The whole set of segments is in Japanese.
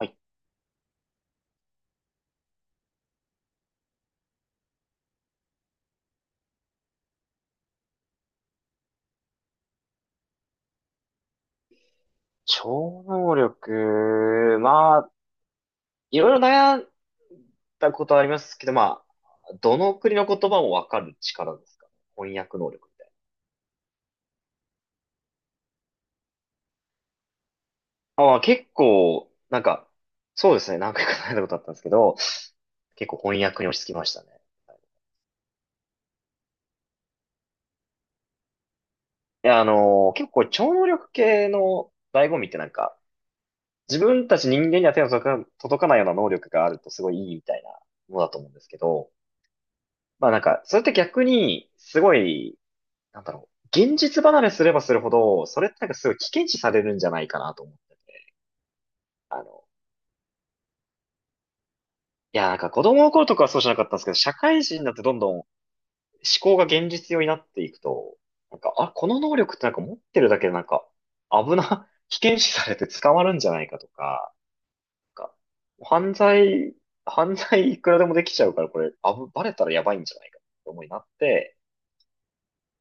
はい、超能力、まあ、いろいろ悩んだことはありますけど、どの国の言葉もわかる力ですかね。翻訳能力みたいな。あ、まあ、結構、なんか、そうですね、何回か悩んだことあったんですけど、結構翻訳に落ち着きましたね。結構超能力系の醍醐味って自分たち人間には手の届か届かないような能力があるとすごいいいみたいなものだと思うんですけど、それって逆に、すごいなんだろう、現実離れすればするほど、それってなんかすごい危険視されるんじゃないかなと思って。あの、子供の頃とかはそうじゃなかったんですけど、社会人になってどんどん思考が現実用になっていくと、あ、この能力って持ってるだけで危険視されて捕まるんじゃないかとか、なんか犯罪、犯罪いくらでもできちゃうから、これ、あぶ、バレたらやばいんじゃないかって思いになって、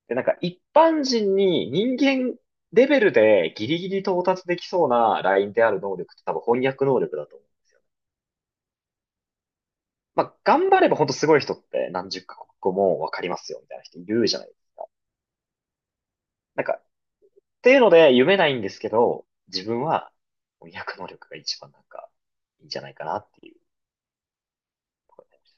で、なんか一般人に人間レベルでギリギリ到達できそうなラインである能力って多分翻訳能力だと思う。まあ、頑張れば本当すごい人って何十カ国語もわかりますよみたいな人いるじゃないですか。なんか、っていうので夢ないんですけど、自分は翻訳能力が一番いいんじゃないかなっていうところで。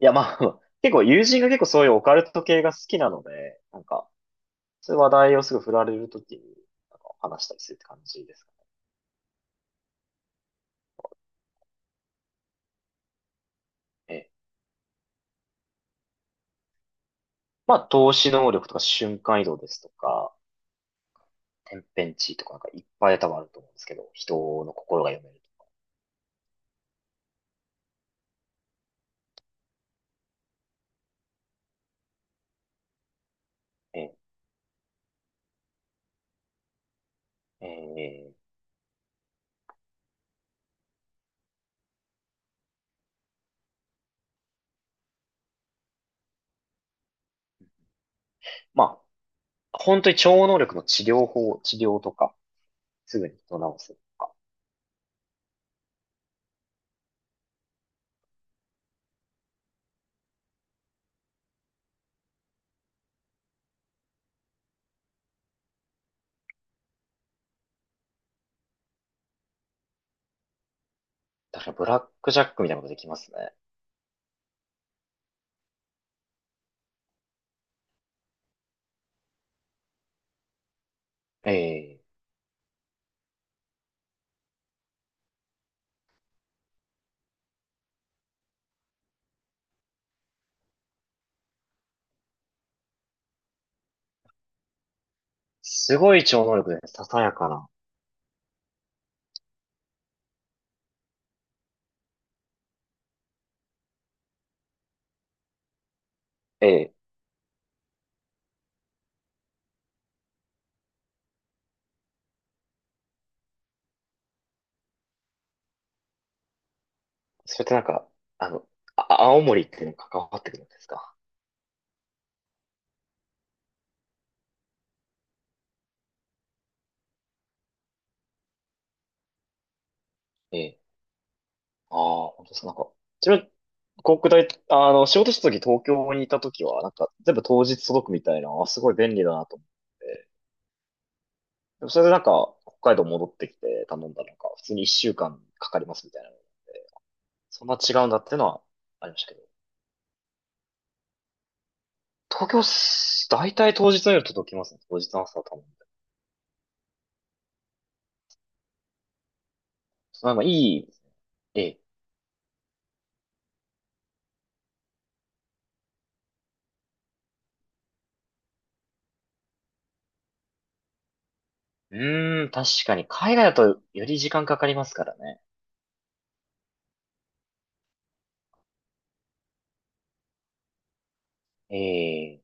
結構友人が結構そういうオカルト系が好きなので、そういう話題をすぐ振られるときに話したりするって感じですかね。まあ、透視能力とか瞬間移動ですとか、天変地異とかいっぱい多分あると思うんですけど、人の心が読めるとね。ええええまあ、本当に超能力の治療とか、すぐに人を治すとか。確かにブラックジャックみたいなことできますね。ええすごい超能力で、ささやかな。ええそれってあの、青森っていうのに関わってくるんですか。ええああ、本当です。ちなみに、航空大あの、仕事した時東京にいた時は、全部当日届くみたいな、あ、すごい便利だなと思って。でもそれで北海道戻ってきて頼んだら、普通に一週間かんかかりますみたいな。そんな違うんだっていうのはありましたけど。東京す、大体当日の夜届きますね。当日の朝頼んで。そのまあいいですね。ええ。うーん、確かに、海外だとより時間かかりますからね。ええ、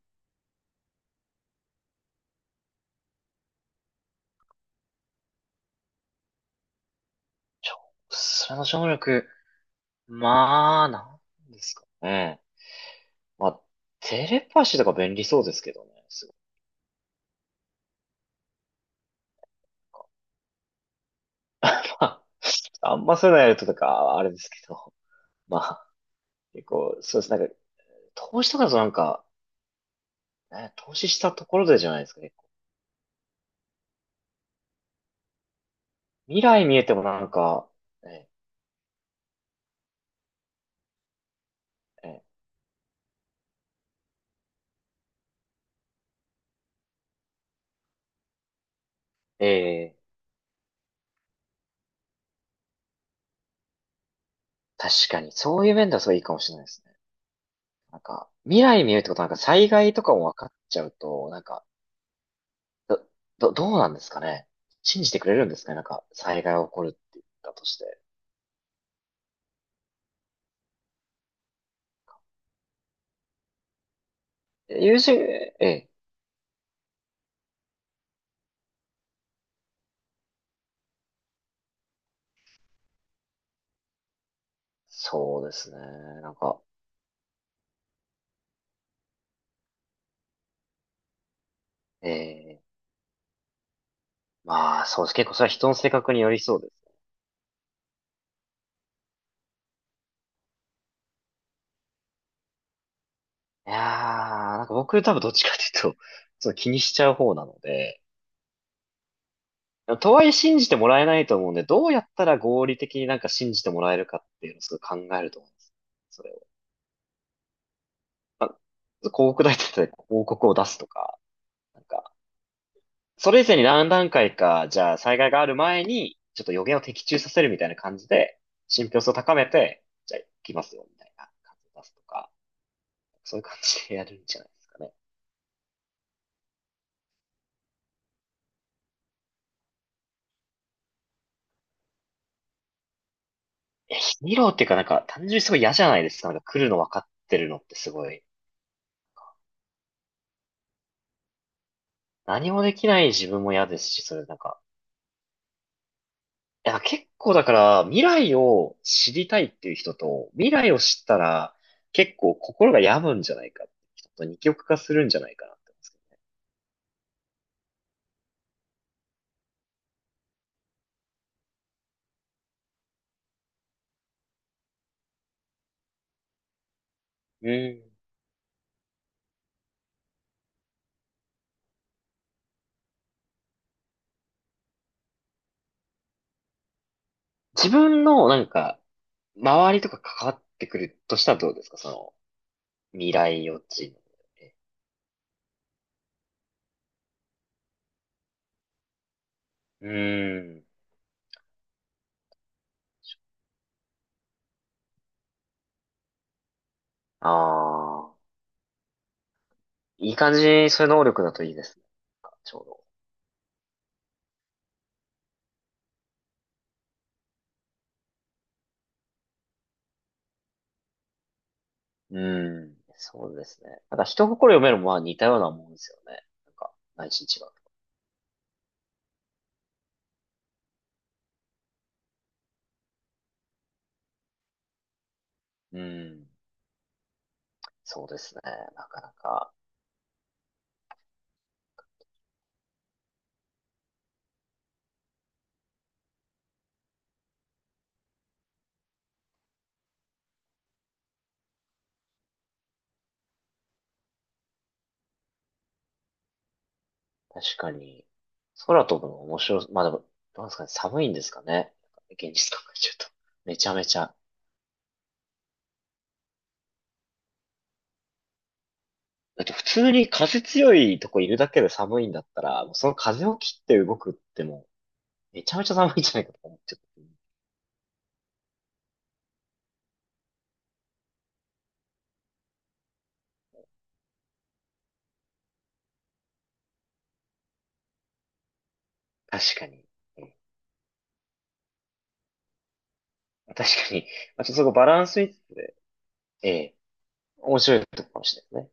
ちょ、それの省略力、なんですかね。まあ、テレパシーとか便利そうですけどね、すごく。まあんまそういうのやるととか、あれですけど。まあ、結構、そうです。投資とかだとね、投資したところでじゃないですか、結構。未来見えてもえ、え、ええ。確かに、そういう面ではすごいいいかもしれないですね。未来見えるってことは災害とかも分かっちゃうと、ど、どうなんですかね。信じてくれるんですかね。災害が起こるって言ったとして。ええ。そうですね。なんか、ええまあ、そうです。結構それは人の性格によりそうです。いやー、僕多分どっちかというと、そう気にしちゃう方なので、とはいえ信じてもらえないと思うんで、どうやったら合理的に信じてもらえるかっていうのをすごい考えると思うんです。それを。広告代理店で広告を出すとか、なんか、それ以前に何段階か、じゃあ災害がある前に、ちょっと予言を的中させるみたいな感じで、信憑性を高めて、じゃあ行きますよ、みたいな感じで出すとか。そういう感じでやるんじゃないですかね。え、ヒーローっていうか単純にすごい嫌じゃないですか。なんか来るの分かってるのってすごい。何もできない自分も嫌ですし、それなんか、いや、結構だから未来を知りたいっていう人と、未来を知ったら結構心が病むんじゃないかって人と二極化するんじゃないかなって思うんですけど。うん。自分の周りとか関わってくるとしたらどうですかその、未来予知の。え。うん。ああ。いい感じにそういう能力だといいですね。ちょうど。うん。そうですね。なんか人心読めるもまあ似たようなもんですよね。内心違う。うん。そうですね。なかなか、確かに、空飛ぶの面白い。まあでも、どうなんですかね。寒いんですかね。現実考えちゃうと。めちゃめちゃ。だって普通に風強いとこいるだけで寒いんだったら、もうその風を切って動くってもう、めちゃめちゃ寒いんじゃないかと思っちゃう。確かに。うん。確かに。まあ、ちょっとそこバランスに、ええ。面白いとこかもしれないね。